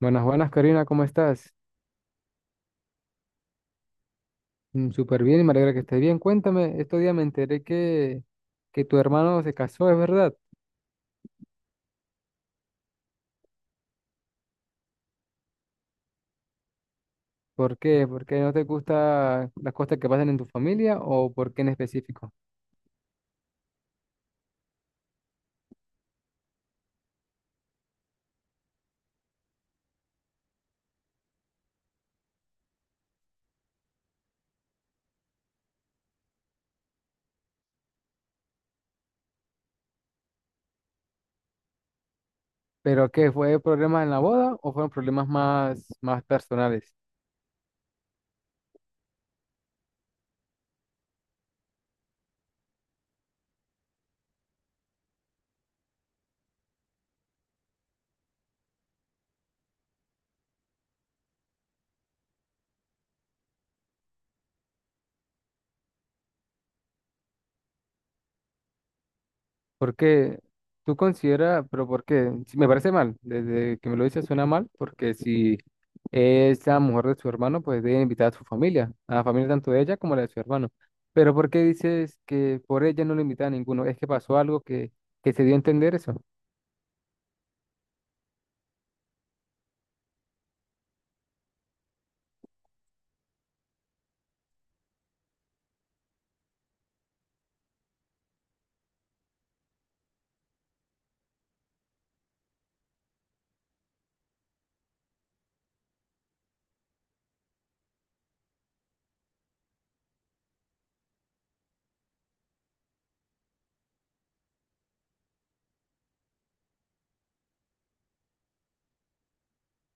Buenas, buenas, Karina, ¿cómo estás? Mm, súper bien y me alegra que estés bien. Cuéntame, estos días me enteré que tu hermano se casó, ¿es verdad? ¿Por qué? ¿Por qué no te gustan las cosas que pasan en tu familia o por qué en específico? ¿Pero qué? ¿Fue problemas en la boda o fueron problemas más personales? Porque tú consideras, pero porque si me parece mal, desde que me lo dices suena mal, porque si es la mujer de su hermano, pues debe invitar a su familia, a la familia tanto de ella como la de su hermano. Pero ¿por qué dices que por ella no lo invita a ninguno? ¿Es que pasó algo que se dio a entender eso?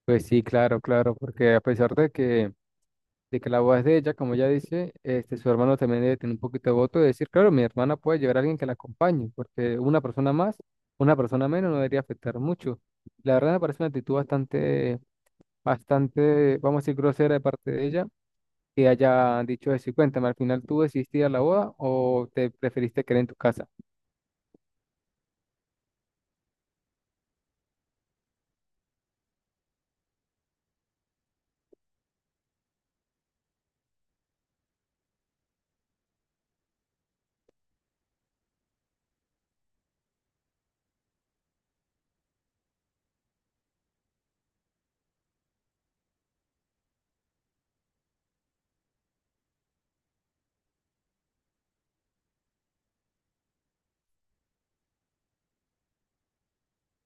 Pues sí, claro, claro, porque a pesar de que la boda es de ella, como ella dice, este, su hermano también debe tener un poquito de voto de decir, claro, mi hermana puede llevar a alguien que la acompañe, porque una persona más, una persona menos no debería afectar mucho. La verdad me parece una actitud bastante, bastante, vamos a decir, grosera de parte de ella, que haya dicho eso. Y cuéntame, al final tú decidiste ir a la boda o te preferiste quedar en tu casa.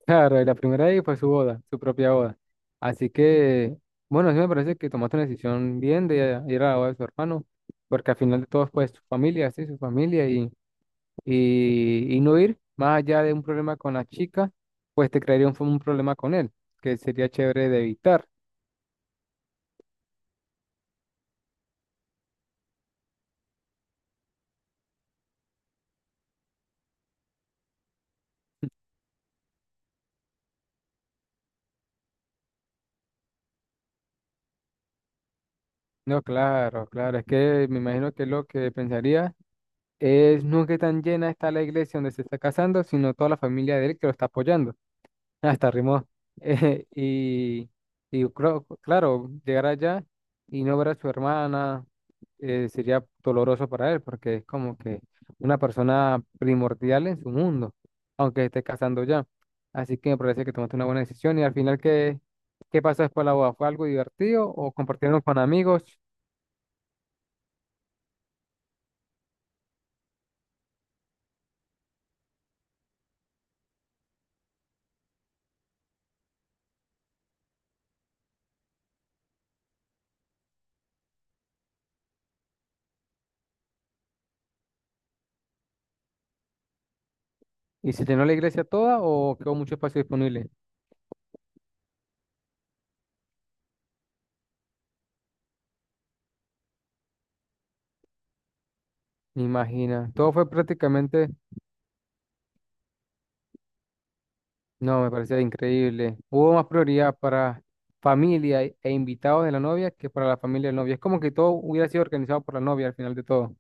Claro, y la primera ahí fue su boda, su propia boda. Así que, bueno, sí me parece que tomaste una decisión bien de ir a la boda de su hermano, porque al final de todo fue su familia, sí, su familia, y no ir más allá de un problema con la chica, pues te crearía un problema con él, que sería chévere de evitar. No, claro, claro, es que me imagino que lo que pensaría es no que tan llena está la iglesia donde se está casando, sino toda la familia de él que lo está apoyando. Hasta rimó. Eh, y, claro, llegar allá y no ver a su hermana sería doloroso para él, porque es como que una persona primordial en su mundo, aunque esté casando ya. Así que me parece que tomaste una buena decisión. Y al final, ¿qué, qué pasó después de la boda? ¿Fue algo divertido o compartieron con amigos y se llenó la iglesia toda o quedó mucho espacio disponible? Me imagina. Todo fue prácticamente... No, me parecía increíble. Hubo más prioridad para familia e invitados de la novia que para la familia del novio. Es como que todo hubiera sido organizado por la novia al final de todo.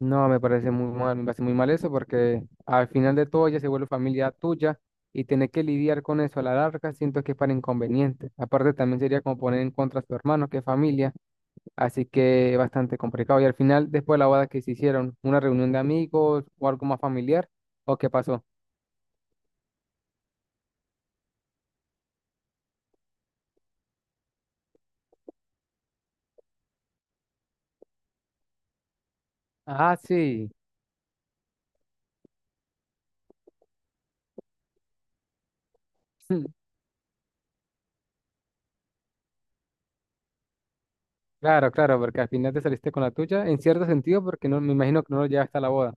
No, me parece muy mal, me parece muy mal eso porque al final de todo ella se vuelve familia tuya y tener que lidiar con eso a la larga siento que es para inconveniente. Aparte también sería como poner en contra a su hermano que es familia, así que es bastante complicado. Y al final, después de la boda que se hicieron, una reunión de amigos o algo más familiar, ¿o qué pasó? Ah, sí. Claro, claro, porque al final te saliste con la tuya, en cierto sentido, porque no, me imagino que no lo llevaste hasta la boda.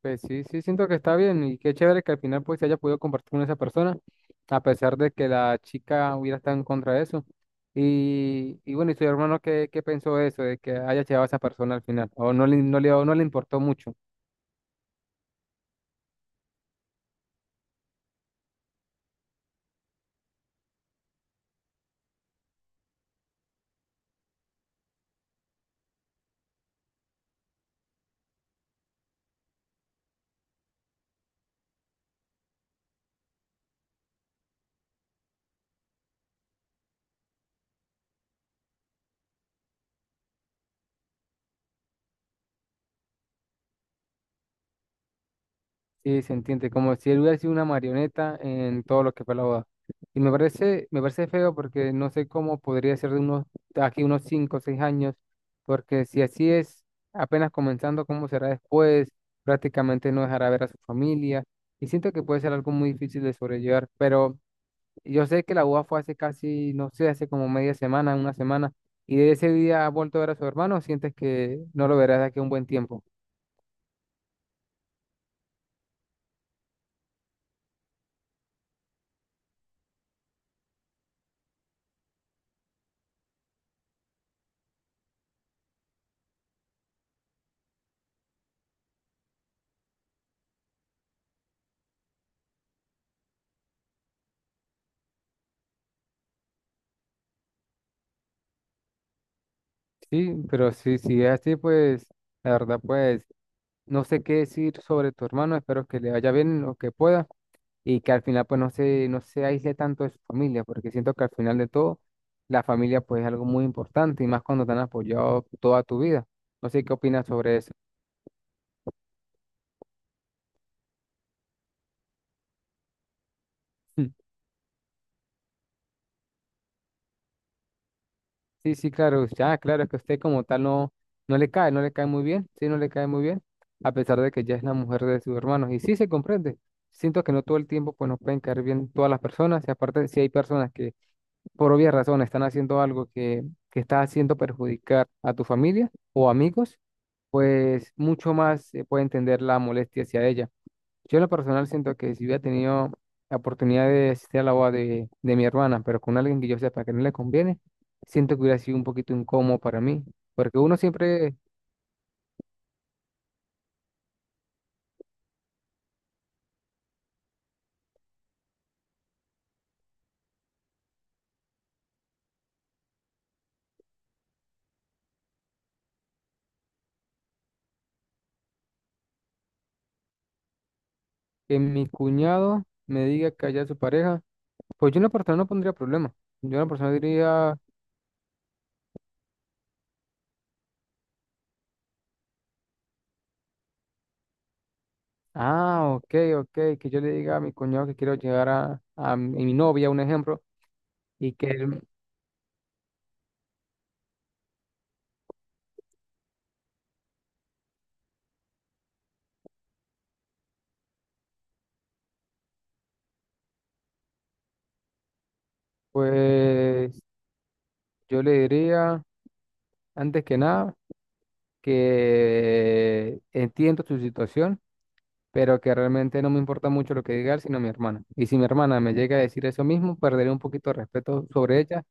Pues sí, sí, siento que está bien y qué chévere que al final pues se haya podido compartir con esa persona, a pesar de que la chica hubiera estado en contra de eso. Y bueno, ¿y tu hermano qué, qué pensó de eso, de que haya llevado a esa persona al final? ¿O no no le importó mucho? Sí, se entiende, como si él hubiera sido una marioneta en todo lo que fue la boda. Y me parece feo porque no sé cómo podría ser de unos, de aquí unos 5 o 6 años, porque si así es, apenas comenzando, ¿cómo será después? Prácticamente no dejará ver a su familia. Y siento que puede ser algo muy difícil de sobrellevar, pero yo sé que la boda fue hace casi, no sé, hace como media semana, una semana, y de ese día ha vuelto a ver a su hermano, ¿o ¿sientes que no lo verás de aquí a un buen tiempo? Sí, pero si es así, pues la verdad, pues no sé qué decir sobre tu hermano, espero que le vaya bien lo que pueda y que al final pues no no se aísle tanto de su familia, porque siento que al final de todo la familia pues es algo muy importante y más cuando te han apoyado toda tu vida. No sé qué opinas sobre eso. Sí, sí, claro, ya, claro, es que a usted como tal no, no le cae, no le cae muy bien, sí, no le cae muy bien, a pesar de que ya es la mujer de sus hermanos. Y sí se comprende. Siento que no todo el tiempo pues nos pueden caer bien todas las personas, y aparte si hay personas que por obvias razones están haciendo algo que está haciendo perjudicar a tu familia o amigos, pues mucho más se puede entender la molestia hacia ella. Yo en lo personal siento que si hubiera tenido la oportunidad de asistir a la boda de mi hermana, pero con alguien que yo sepa que no le conviene, siento que hubiera sido un poquito incómodo para mí. Porque uno siempre, que mi cuñado me diga que haya su pareja, pues yo en lo personal no pondría problema. Yo en lo personal diría, ah, ok, ok, que yo le diga a mi cuñado que quiero llegar a mi novia, un ejemplo, y que él, pues yo le diría, antes que nada, que entiendo su situación pero que realmente no me importa mucho lo que diga él, sino mi hermana. Y si mi hermana me llega a decir eso mismo, perderé un poquito de respeto sobre ella,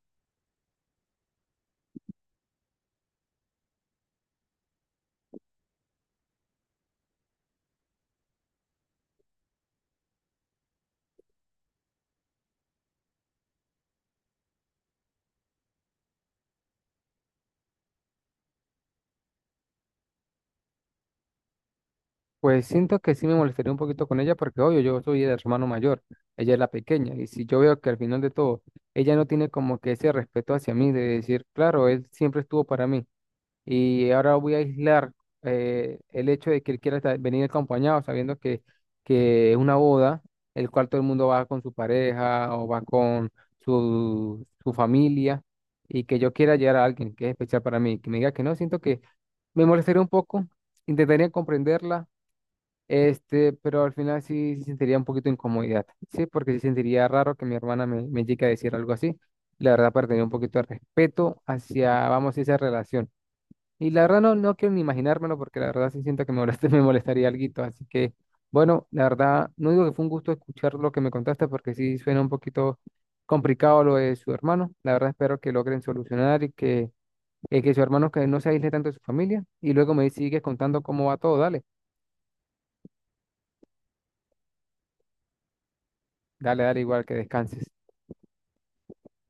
pues siento que sí me molestaría un poquito con ella, porque obvio, yo soy el hermano mayor, ella es la pequeña, y si yo veo que al final de todo, ella no tiene como que ese respeto hacia mí, de decir, claro, él siempre estuvo para mí, y ahora voy a aislar el hecho de que él quiera estar- venir acompañado, sabiendo que es una boda, el cual todo el mundo va con su pareja o va con su familia, y que yo quiera llevar a alguien que es especial para mí, que me diga que no, siento que me molestaría un poco, intentaría comprenderla, este, pero al final sí, sí sentiría un poquito de incomodidad, sí, porque sí sentiría raro que mi hermana me llegue a decir algo así. La verdad, perdería un poquito de respeto hacia, vamos, esa relación. Y la verdad no, no quiero ni imaginármelo porque la verdad sí siento que me molest- me molestaría alguito. Así que, bueno, la verdad, no digo que fue un gusto escuchar lo que me contaste porque sí suena un poquito complicado lo de su hermano. La verdad espero que logren solucionar y que su hermano que no se aísle tanto de su familia. Y luego me sigues contando cómo va todo. Dale, dale, dale, igual que descanses.